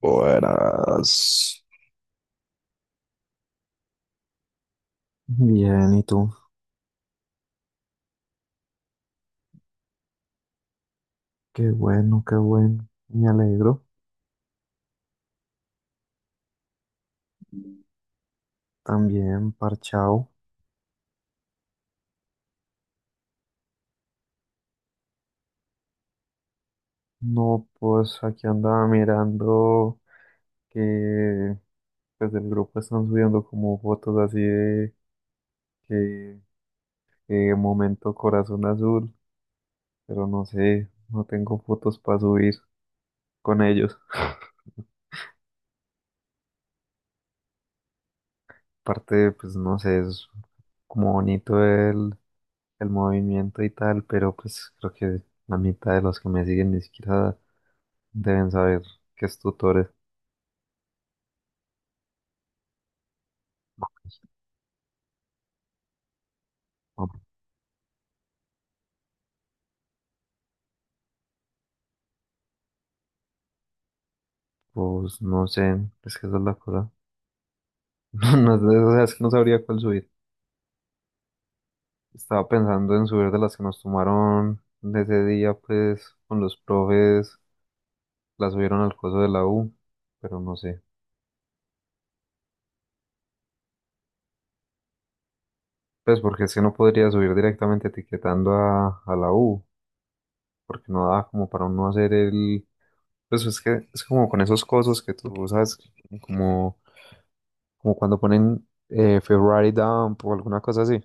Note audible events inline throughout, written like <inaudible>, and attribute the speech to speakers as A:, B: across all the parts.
A: Buenas. Bien, ¿y tú? Qué bien, me alegro. También parchao. No, pues aquí andaba mirando que pues del grupo están subiendo como fotos así de que, que momento corazón azul, pero no sé, no tengo fotos para subir con ellos. Aparte, pues no sé, es como bonito el movimiento y tal, pero pues creo que la mitad de los que me siguen ni siquiera deben saber que es tutores. Ah, pues no sé, es que esa es la cosa. <laughs> No, no, sé, o sea, es que no sabría cuál subir. Estaba pensando en subir de las que nos tomaron de ese día, pues, con los profes, las subieron al coso de la U, pero no sé. Pues porque es que no podría subir directamente etiquetando a la U, porque no da como para uno hacer el... Pues es que es como con esos cosos que tú sabes, como, como cuando ponen Ferrari Dump o alguna cosa así.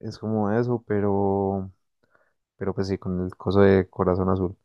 A: Es como eso, pero pues sí, con el coso de corazón azul.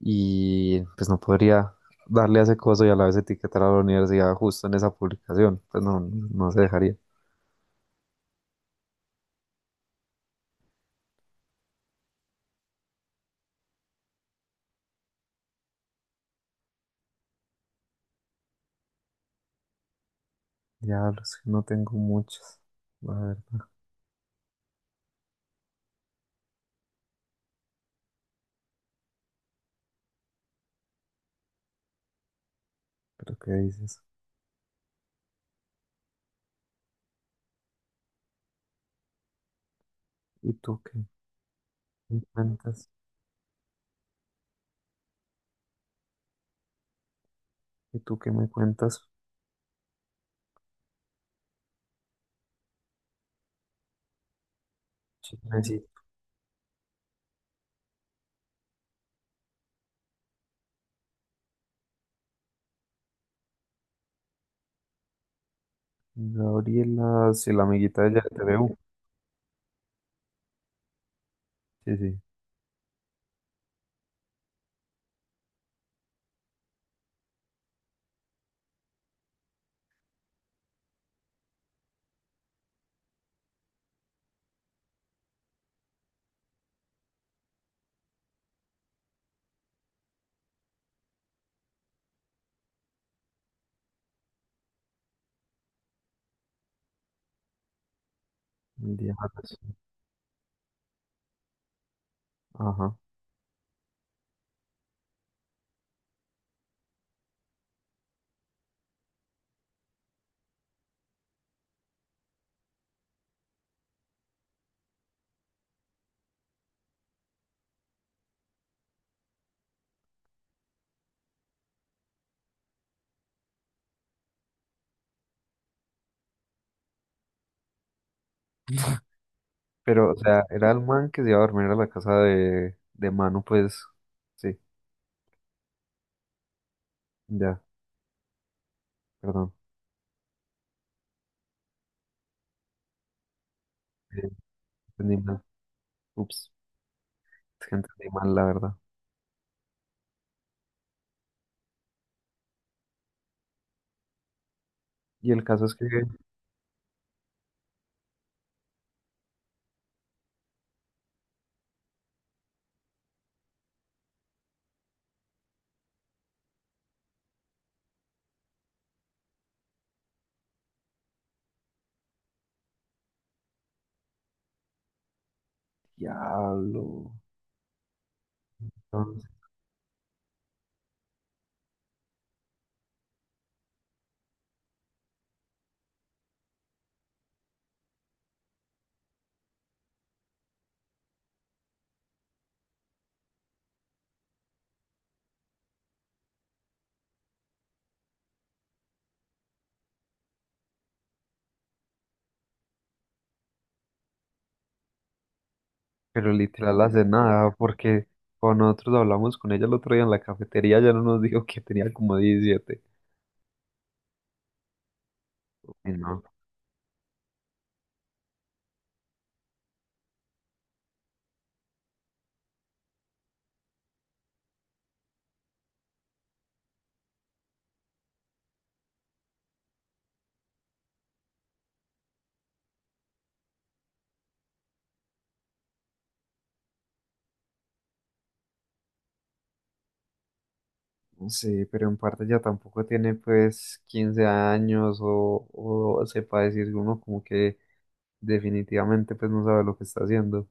A: Y pues no podría darle a ese coso y a la vez etiquetar a la universidad justo en esa publicación, pues no, no se dejaría. Diablos, que no tengo muchas. A ver, pero ¿qué dices? ¿Y tú qué me cuentas? ¿Y tú qué me cuentas? Chismecito. Gabriela, si la amiguita de ella de TVU. Sí, sí. El día antes. Ajá. Pero, o sea, era el man que se iba a dormir a la casa de, Manu, pues. Sí, ya, perdón. eh, Entendí mal. Ups, es que entendí mal, la verdad. Y el caso es que, diablo, entonces, pero literal hace nada, porque cuando nosotros hablamos con ella el otro día en la cafetería, ya no nos dijo que tenía como 17. Y no, no sé, pero en parte ya tampoco tiene, pues, 15 años o sepa decir uno como que definitivamente, pues, no sabe lo que está haciendo.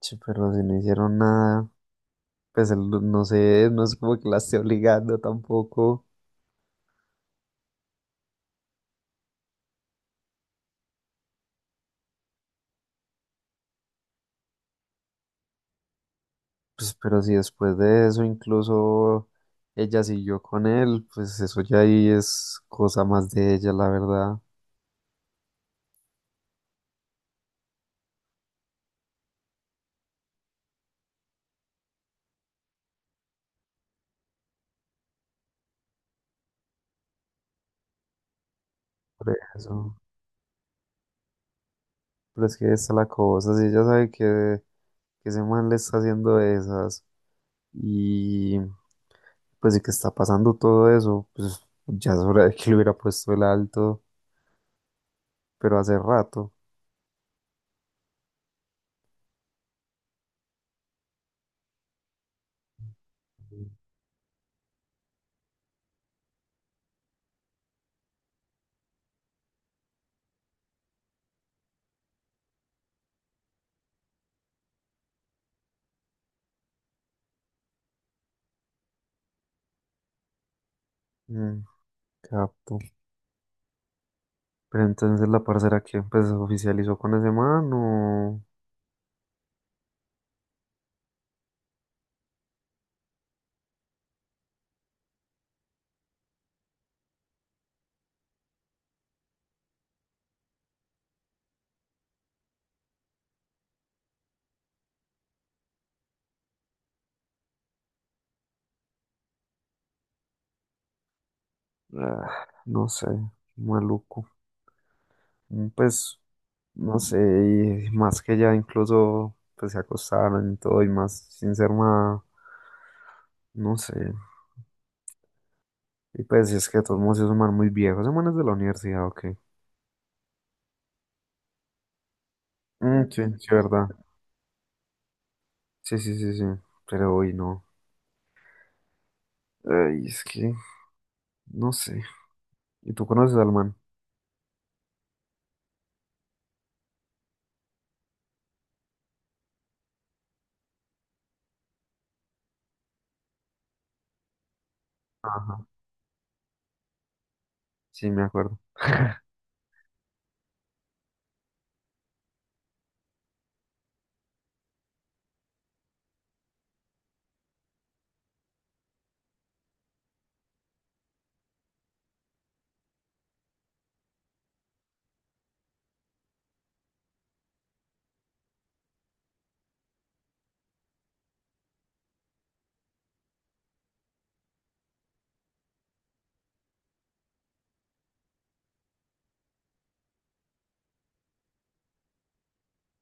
A: Sí, pero si no hicieron nada, pues el- no sé, no es como que la esté obligando tampoco. Pues, pero si después de eso incluso ella siguió con él, pues eso ya ahí es cosa más de ella, la verdad. Por eso. Pero es que esta es la cosa, si ella sabe que ese man le está haciendo esas y pues y que está pasando todo eso, pues ya es hora de que le hubiera puesto el alto, pero hace rato. Mm, capto. Pero entonces la parcera que pues se oficializó con ese man o ah, no sé, maluco. Mm, pues no sé, y más que ya incluso pues se acostaron y todo y más sin ser nada, no sé. Y pues si es que de todos modos es man muy viejos. Ese man de la universidad, ok. Mm, sí, sí, verdad. Sí, sí, sí, sí. Pero hoy no. Ay, es que, no sé. ¿Y tú conoces al man? Ajá, sí, me acuerdo.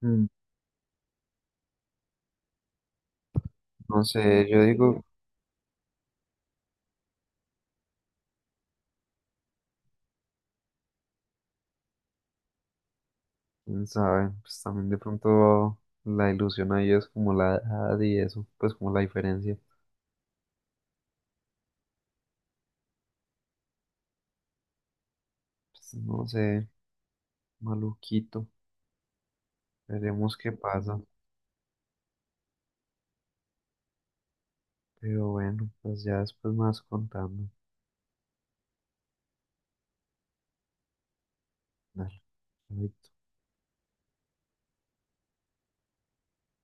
A: Mm, no sé, yo digo, quién sabe, pues también de pronto la ilusión ahí es como la edad y eso, pues como la diferencia. Pues no sé, maluquito. Veremos qué pasa. Pero bueno, pues ya después más contando. Dale.